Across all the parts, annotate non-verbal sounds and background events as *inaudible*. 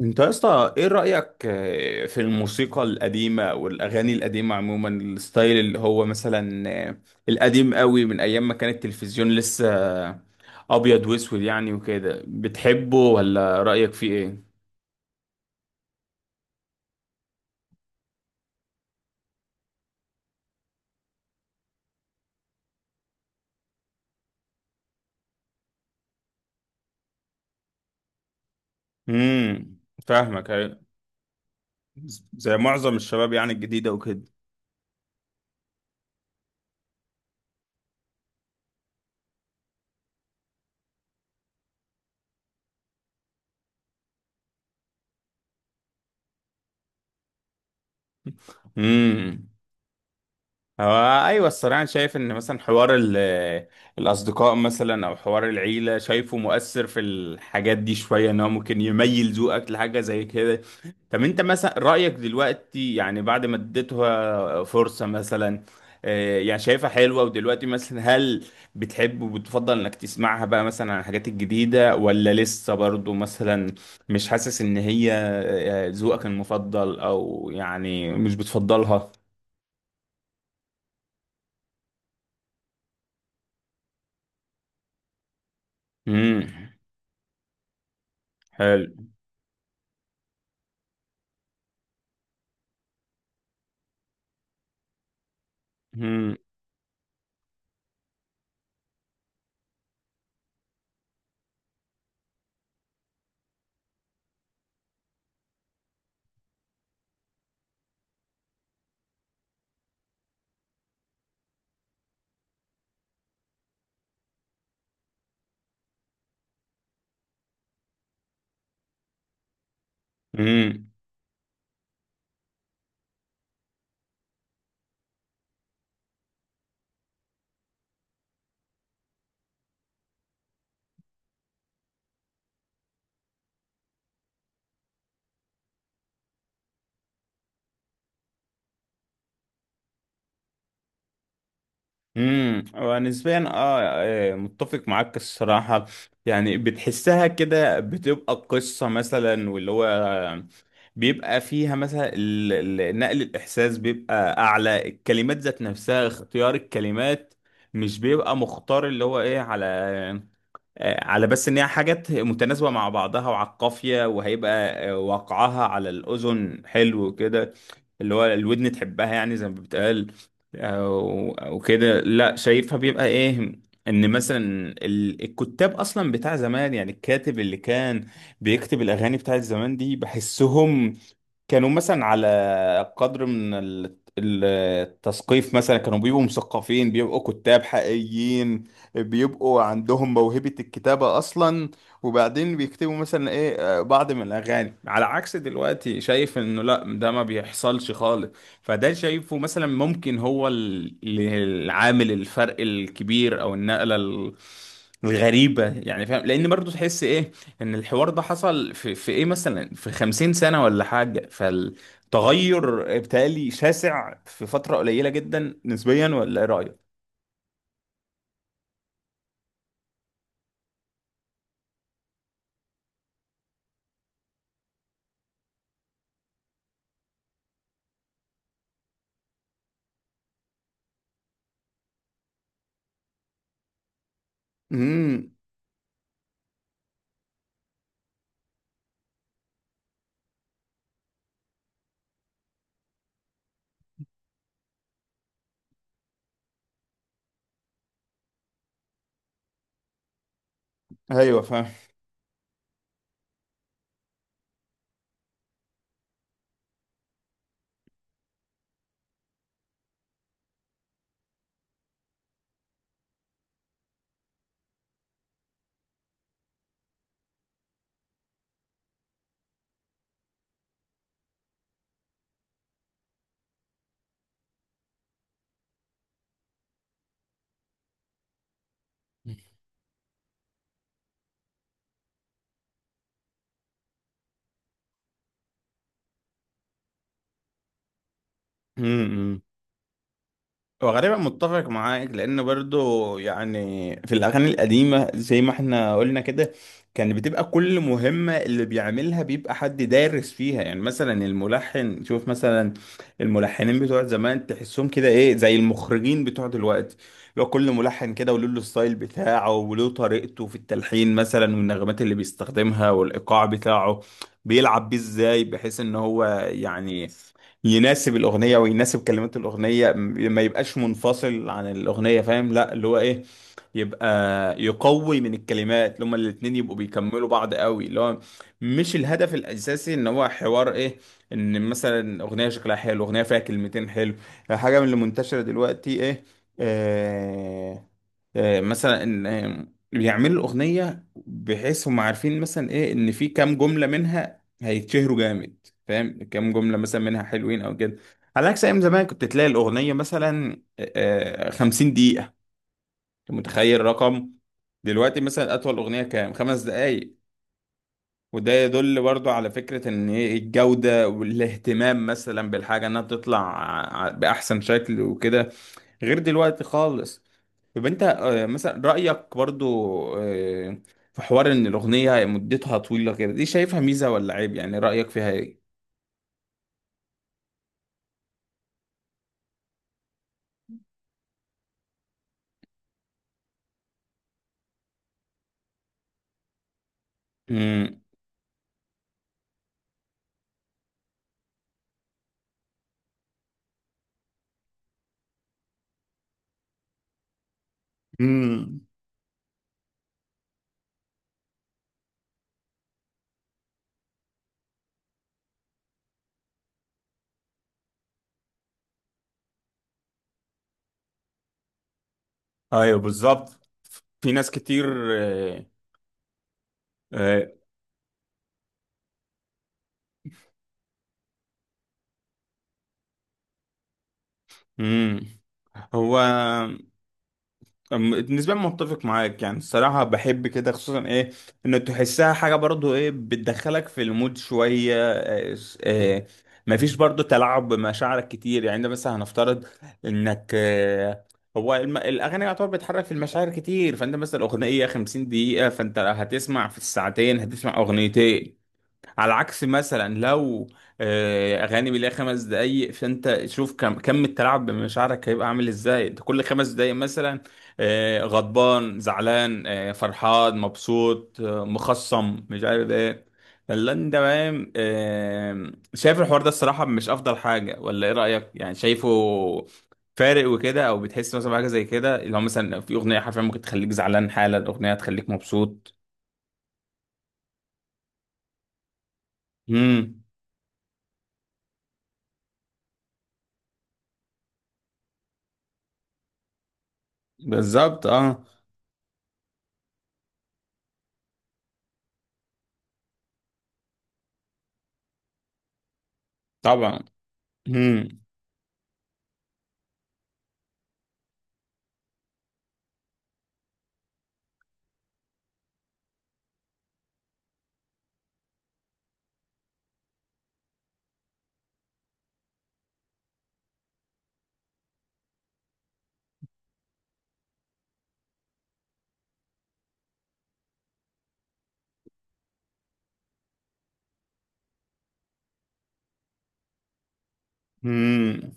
انت يا اسطى ايه رأيك في الموسيقى القديمة والاغاني القديمة عموما الستايل اللي هو مثلا القديم قوي من ايام ما كان التلفزيون لسه آه، ابيض واسود يعني وكده، بتحبه ولا رأيك فيه ايه؟ امم فاهمك أيوة. زي معظم الشباب يعني الجديدة وكده. امم هو ايوه الصراحه، أنا شايف ان مثلا حوار الاصدقاء مثلا او حوار العيله شايفه مؤثر في الحاجات دي شويه، ان هو ممكن يميل ذوقك لحاجه زي كده. طب انت مثلا رايك دلوقتي يعني بعد ما اديتها فرصه مثلا، يعني شايفها حلوه ودلوقتي مثلا هل بتحب وبتفضل انك تسمعها بقى مثلا عن الحاجات الجديده، ولا لسه برضو مثلا مش حاسس ان هي ذوقك المفضل، او يعني مش بتفضلها؟ امم حلو. امم امم ونسبيا متفق معاك الصراحه. يعني بتحسها كده بتبقى قصه مثلا، واللي هو بيبقى فيها مثلا نقل الاحساس بيبقى اعلى، الكلمات ذات نفسها، اختيار الكلمات مش بيبقى مختار اللي هو ايه على على بس ان هي حاجات متناسبه مع بعضها وعلى القافيه، وهيبقى وقعها على الاذن حلو كده، اللي هو الودن تحبها يعني زي ما بتقال او كده. لا، شايفها بيبقى ايه، ان مثلا الكتاب اصلا بتاع زمان، يعني الكاتب اللي كان بيكتب الاغاني بتاعت زمان دي بحسهم كانوا مثلا على قدر من التثقيف، مثلا كانوا بيبقوا مثقفين، بيبقوا كتاب حقيقيين، بيبقوا عندهم موهبة الكتابة أصلا. وبعدين بيكتبوا مثلا إيه، بعض من الأغاني، على عكس دلوقتي. شايف إنه لأ، ده ما بيحصلش خالص. فده شايفه مثلا ممكن هو العامل، الفرق الكبير، او النقله الغريبه، يعني فاهم، لان برضو تحس ايه ان الحوار ده حصل في ايه مثلا في 50 سنه ولا حاجه، فالتغير بتالي شاسع في فتره قليله جدا نسبيا، ولا ايه رايك؟ امم ايوه فاهم. امم هو غالبا متفق معاك، لان برضو يعني في الاغاني القديمه زي ما احنا قلنا كده، كان بتبقى كل مهمه اللي بيعملها بيبقى حد دارس فيها. يعني مثلا الملحن، شوف مثلا الملحنين بتوع زمان، تحسهم كده ايه زي المخرجين بتوع دلوقتي، لو كل ملحن كده وله الستايل بتاعه وله طريقته في التلحين مثلا، والنغمات اللي بيستخدمها والايقاع بتاعه بيلعب بيه ازاي، بحيث ان هو يعني يناسب الاغنيه ويناسب كلمات الاغنيه، ما يبقاش منفصل عن الاغنيه، فاهم؟ لا، اللي هو ايه، يبقى يقوي من الكلمات، اللي هما الاتنين يبقوا بيكملوا بعض قوي. اللي هو مش الهدف الاساسي ان هو حوار ايه، ان مثلا اغنيه شكلها حلو، اغنيه فيها كلمتين حلو، حاجه من اللي منتشره دلوقتي ايه. آه مثلا ان بيعملوا الاغنيه بحيث هم عارفين مثلا ايه ان في كام جمله منها هيتشهروا جامد، فاهم، كام جملة مثلا منها حلوين أو كده. على عكس أيام زمان كنت تلاقي الأغنية مثلا 50 دقيقة، أنت متخيل رقم؟ دلوقتي مثلا أطول أغنية كام؟ 5 دقايق. وده يدل برضو على فكرة إن إيه الجودة والاهتمام مثلا بالحاجة، إنها تطلع بأحسن شكل وكده، غير دلوقتي خالص. طب أنت مثلا رأيك برضو آه، في حوار إن الأغنية مدتها طويلة كده، دي شايفها ميزة ولا عيب؟ يعني رأيك فيها إيه؟ مم. ايوه بالظبط. في ناس كتير. آه، آه، امم هو أم- نسبيا متفق معاك، يعني الصراحه بحب كده، خصوصا ايه ان تحسها حاجه برضو ايه بتدخلك في المود شويه، مفيش برضو تلاعب بمشاعرك كتير. يعني انت مثلا هنفترض انك هو الاغاني يعتبر بتحرك في المشاعر كتير، فانت مثلا اغنيه 50 دقيقه، فانت هتسمع في الساعتين هتسمع اغنيتين، على عكس مثلا لو اغاني بيلاقي 5 دقايق، فانت شوف كم التلاعب بمشاعرك هيبقى عامل ازاي، انت كل 5 دقايق مثلا غضبان زعلان، فرحان مبسوط، مخصم، مش عارف ايه. فاللي انت فاهم، شايف الحوار ده الصراحة مش افضل حاجة، ولا ايه رأيك؟ يعني شايفه فارق وكده، او بتحس مثلا بحاجة زي كده، اللي هو مثلا في اغنية حرفيا ممكن تخليك زعلان، حالا اغنية تخليك مبسوط. امم بالظبط اه. طبعا. امم امم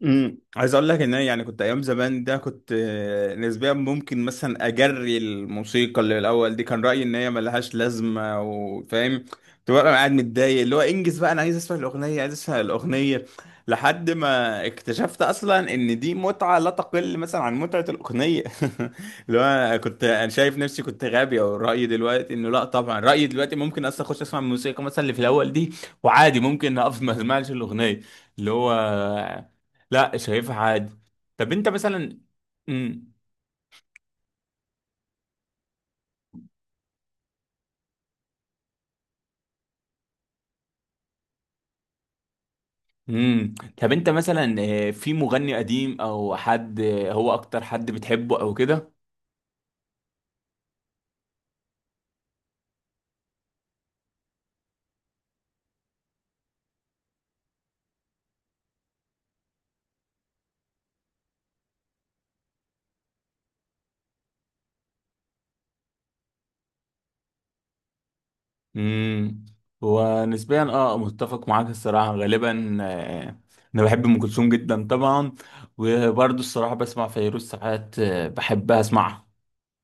عايز اقول لك ان انا يعني كنت ايام زمان ده، كنت نسبيا ممكن مثلا اجري الموسيقى اللي الاول دي، كان رايي ان هي ملهاش لازمه، وفاهم، تبقى انا قاعد متضايق اللي هو انجز بقى، انا عايز اسمع الاغنيه عايز اسمع الاغنيه. لحد ما اكتشفت اصلا ان دي متعه لا تقل مثلا عن متعه الاغنيه. *laughs* اللي هو أنا كنت انا شايف نفسي كنت غبي، او رايي دلوقتي انه لا، طبعا رايي دلوقتي ممكن اصلا اخش اسمع الموسيقى مثلا اللي في الاول دي، وعادي ممكن اقف ما اسمعش الاغنيه، اللي هو لا شايفها عادي. طب انت مثلا. امم امم طب انت مثلا في مغني قديم او حد هو اكتر حد بتحبه او كده؟ امم ونسبيا متفق معاك الصراحه غالبا. انا بحب ام كلثوم جدا طبعا، وبرضه الصراحه بسمع فيروز ساعات، بحب اسمعها.